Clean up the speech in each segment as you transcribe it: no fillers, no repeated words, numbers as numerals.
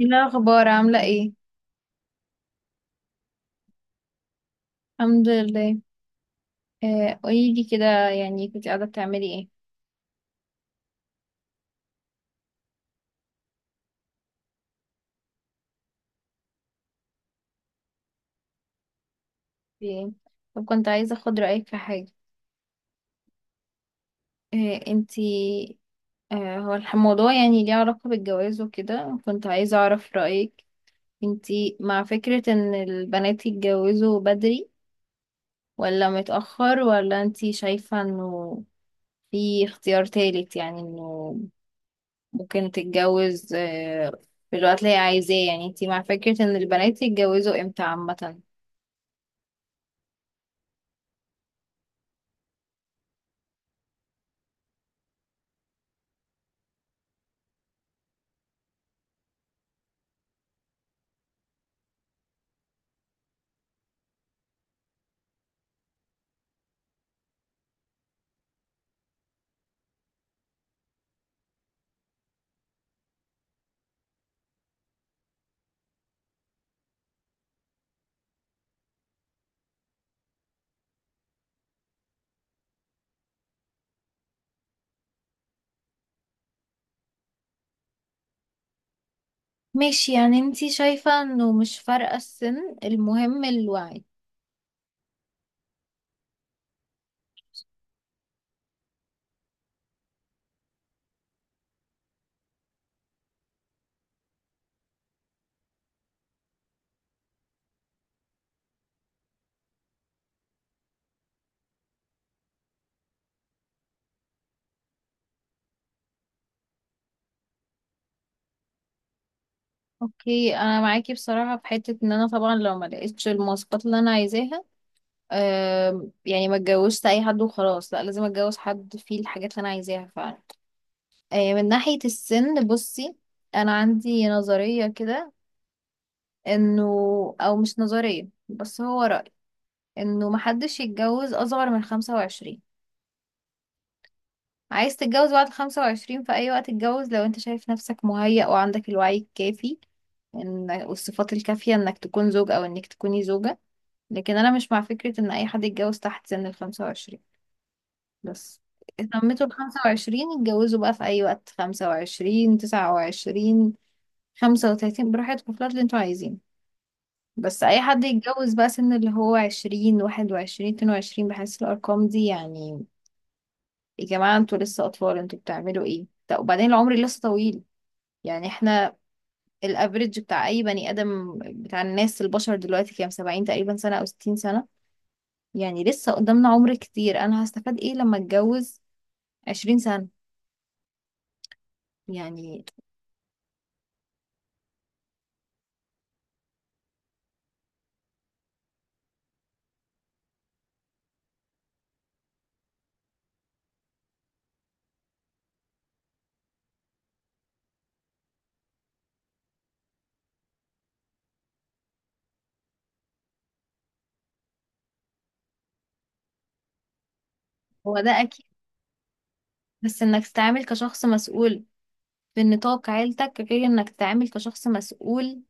ايه الاخبار؟ عامله ايه؟ الحمد لله. قولي لي كده، يعني كنت قاعده بتعملي ايه؟ في ايه؟ طب كنت عايزه اخد رايك في حاجه. آه انتي هو الموضوع يعني ليه علاقه بالجواز وكده، كنت عايزه اعرف رايك. انتي مع فكره ان البنات يتجوزوا بدري ولا متاخر، ولا انتي شايفه انه في اختيار تالت؟ يعني انه ممكن تتجوز في الوقت اللي هي عايزاه. يعني انتي مع فكره ان البنات يتجوزوا امتى عامه؟ ماشي، يعني انتي شايفة انه مش فارقة السن، المهم الوعي. اوكي، انا معاكي بصراحة في حتة ان انا طبعا لو ما لقيتش المواصفات اللي انا عايزاها، يعني ما اتجوزت اي حد وخلاص، لا، لازم اتجوز حد فيه الحاجات اللي انا عايزاها فعلا. من ناحية السن بصي، انا عندي نظرية كده، انه، او مش نظرية بس هو رأي، انه محدش يتجوز اصغر من 25. عايز تتجوز بعد 25 في أي وقت، اتجوز لو انت شايف نفسك مهيأ وعندك الوعي الكافي إن، والصفات الكافية انك تكون زوج او انك تكوني زوجة. لكن انا مش مع فكرة ان اي حد يتجوز تحت سن ال 25، بس. تميتوا ال 25 اتجوزوا بقى في اي وقت، 25، 29، 35، براحتكم في الوقت اللي انتوا عايزينه. بس اي حد يتجوز بقى سن اللي هو 20، 21، 22، بحس الارقام دي يعني، يا جماعة انتوا لسه اطفال، انتوا بتعملوا ايه؟ طب وبعدين العمر لسه طويل. يعني احنا الافريج بتاع اي بني ادم، بتاع الناس البشر دلوقتي كام؟ 70 تقريبا سنة او 60 سنة. يعني لسه قدامنا عمر كتير. انا هستفاد ايه لما اتجوز 20 سنة يعني؟ هو ده اكيد، بس انك تتعامل كشخص مسؤول في نطاق عيلتك غير انك تتعامل كشخص مسؤول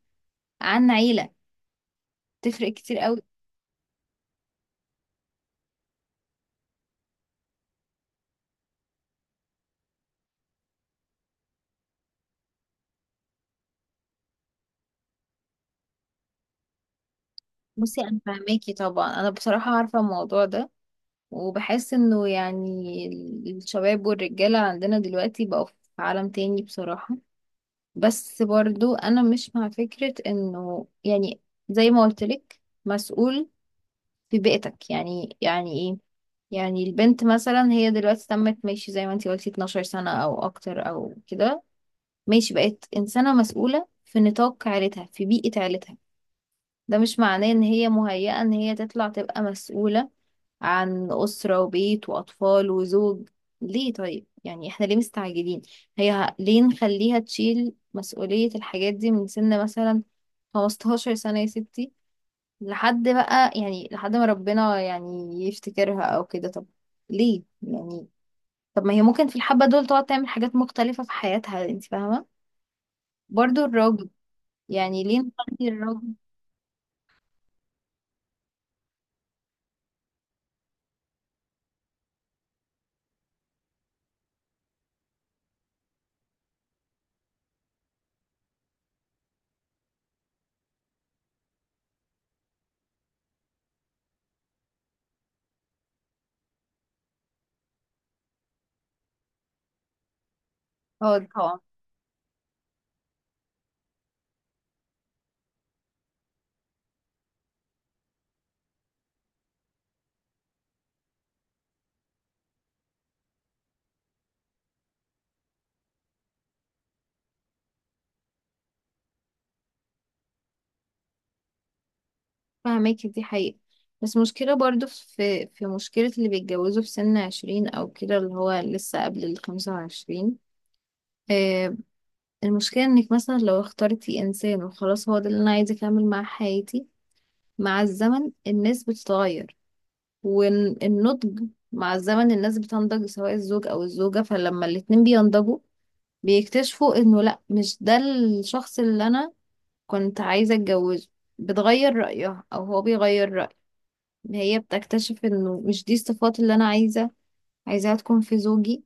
عن عيلة، تفرق كتير قوي. بصي انا فاهماكي طبعا، انا بصراحة عارفة الموضوع ده وبحس انه يعني الشباب والرجالة عندنا دلوقتي بقوا في عالم تاني بصراحة. بس برضو انا مش مع فكرة انه يعني، زي ما قلت لك، مسؤول في بيئتك يعني يعني ايه؟ يعني البنت مثلا هي دلوقتي تمت، ماشي زي ما انتي قلتي 12 سنة او اكتر او كده، ماشي بقت انسانة مسؤولة في نطاق عيلتها في بيئة عيلتها، ده مش معناه ان هي مهيئة ان هي تطلع تبقى مسؤولة عن اسرة وبيت واطفال وزوج. ليه؟ طيب يعني احنا ليه مستعجلين؟ ليه نخليها تشيل مسؤولية الحاجات دي من سن مثلا 15 سنة يا ستي لحد بقى، يعني لحد ما ربنا يعني يفتكرها او كده. طب ليه يعني؟ طب ما هي ممكن في الحبة دول تقعد تعمل حاجات مختلفة في حياتها، انت فاهمة. برضو الراجل، يعني ليه نخلي الراجل. اه طبعا، فاهماكي، دي حقيقة. بس مشكلة برضو، في مشكلة اللي بيتجوزوا في سن عشرين أو كده اللي هو لسه قبل الخمسة وعشرين. آه، المشكلة انك مثلا لو اخترتي انسان وخلاص هو ده اللي انا عايزة اكمل معاه حياتي، مع الزمن الناس بتتغير. والنضج مع الزمن الناس بتنضج، سواء الزوج أو الزوجة، فلما الاتنين بينضجوا بيكتشفوا إنه لأ، مش ده الشخص اللي أنا كنت عايزة أتجوزه. بتغير رأيها أو هو بيغير رأيه، هي بتكتشف إنه مش دي الصفات اللي أنا عايزاها تكون في زوجي،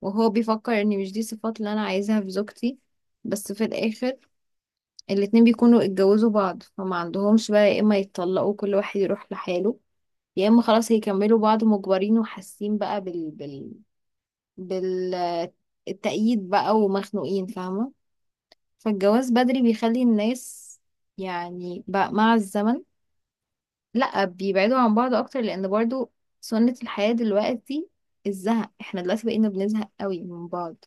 وهو بيفكر إن مش دي الصفات اللي أنا عايزاها في زوجتي. بس في الآخر الاتنين بيكونوا اتجوزوا بعض فما عندهمش بقى، يا إما يتطلقوا كل واحد يروح لحاله، يا اما خلاص هيكملوا بعض مجبرين وحاسين بقى بال التأييد بقى ومخنوقين، فاهمة. فالجواز بدري بيخلي الناس يعني بقى مع الزمن لا، بيبعدوا عن بعض اكتر، لان برضو سنة الحياة دلوقتي، الزهق، احنا دلوقتي بقينا بنزهق قوي من بعض.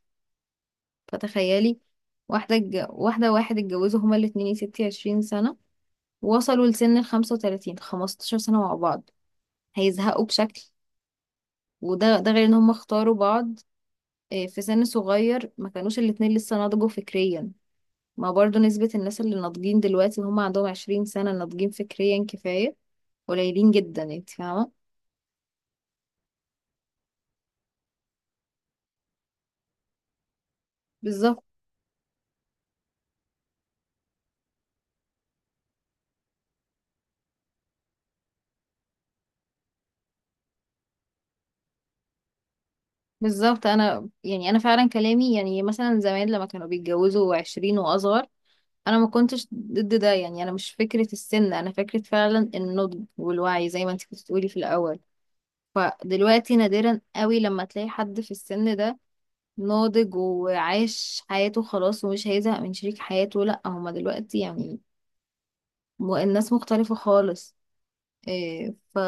فتخيلي واحدة واحد اتجوزوا هما الاتنين يا ستي عشرين سنة، وصلوا لسن الخمسة وتلاتين، خمستاشر سنة مع بعض، هيزهقوا بشكل. وده ده غير ان هم اختاروا بعض في سن صغير، ما كانوش الاتنين لسه نضجوا فكريا. ما برضو نسبة الناس اللي ناضجين دلوقتي وهم عندهم عشرين سنة، ناضجين فكريا كفاية، قليلين جدا يعني، انت فاهمة. بالظبط. بالظبط انا يعني، انا فعلا كلامي يعني مثلا زمان لما كانوا بيتجوزوا عشرين واصغر، انا ما كنتش ضد ده يعني، انا مش فكرة السن، انا فكرة فعلا النضج والوعي زي ما انت كنت بتقولي في الاول. فدلوقتي نادرا قوي لما تلاقي حد في السن ده ناضج وعاش حياته خلاص ومش هيزهق من شريك حياته، لا هما دلوقتي يعني، الناس مختلفة خالص. إيه ف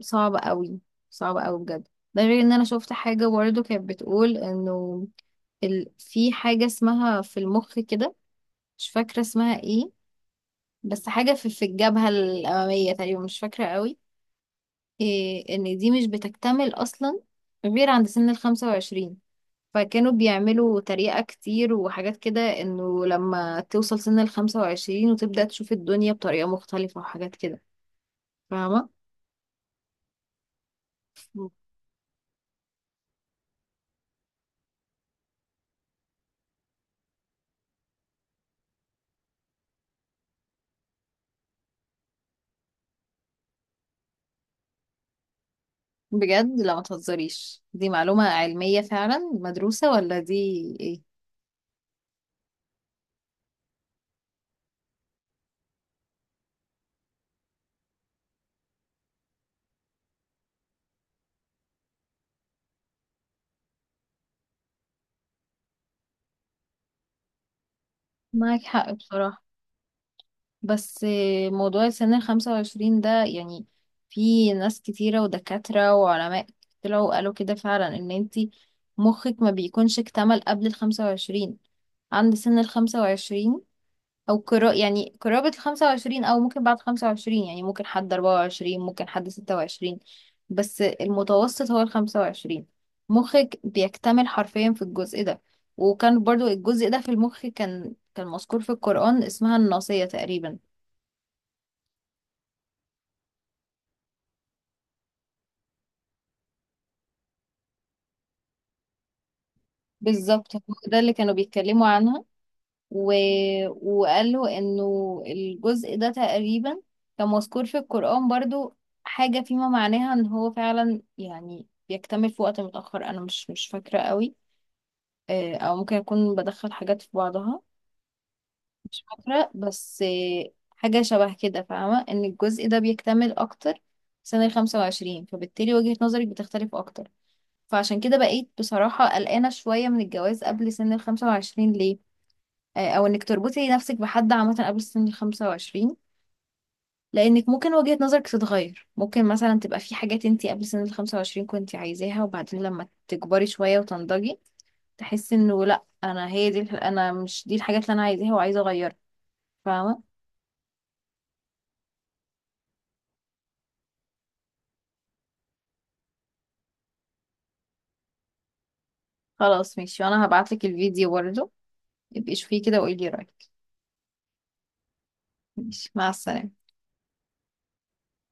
صعب قوي، صعب قوي بجد. ده غير ان انا شفت حاجة برضه كانت بتقول انه في حاجة اسمها في المخ كده، مش فاكرة اسمها ايه، بس حاجة في الجبهة الأمامية تقريبا، مش فاكرة قوي، إيه، ان دي مش بتكتمل اصلا غير عند سن الخمسة وعشرين. فكانوا بيعملوا تريقة كتير وحاجات كده، انه لما توصل سن الخمسة وعشرين وتبدأ تشوف الدنيا بطريقة مختلفة وحاجات كده، فاهمة؟ بجد؟ لا ما تهزريش، دي معلومة علمية فعلا مدروسة ولا دي ايه؟ معاك حق بصراحة. بس موضوع سن الخمسة وعشرين ده يعني، في ناس كتيرة ودكاترة وعلماء طلعوا وقالوا كده فعلا ان انتي مخك ما بيكونش اكتمل قبل الخمسة وعشرين، عند سن الخمسة وعشرين او قرا، يعني قرابة الخمسة وعشرين، او ممكن بعد خمسة وعشرين يعني، ممكن حد اربعة وعشرين، ممكن حد ستة وعشرين، بس المتوسط هو الخمسة وعشرين. مخك بيكتمل حرفيا في الجزء ده. وكان برضو الجزء ده في المخ كان مذكور في القرآن، اسمها الناصية تقريبا. بالظبط، هو ده اللي كانوا بيتكلموا عنها. و... وقال له انه الجزء ده تقريبا كان مذكور في القرآن برضو حاجة فيما معناها ان هو فعلا يعني بيكتمل في وقت متأخر. انا مش فاكرة قوي، او ممكن اكون بدخل حاجات في بعضها، مش فاكرة، بس حاجة شبه كده، فاهمة، ان الجزء ده بيكتمل اكتر في سنة الخمسة وعشرين، فبالتالي وجهة نظرك بتختلف اكتر. فعشان كده بقيت بصراحة قلقانة شوية من الجواز قبل سن الخمسة وعشرين. ليه؟ او انك تربطي نفسك بحد عامه قبل سن ال 25، لانك ممكن وجهة نظرك تتغير، ممكن مثلا تبقى في حاجات انت قبل سن ال 25 كنت عايزاها وبعدين لما تكبري شويه وتنضجي تحسي انه لا انا، هي دي، انا مش دي الحاجات اللي انا عايزاها وعايزه اغيرها، فاهمه. خلاص ماشي، وانا هبعت لك الفيديو برضه، يبقي شوفيه كده وقولي رايك. ماشي، مع السلامه.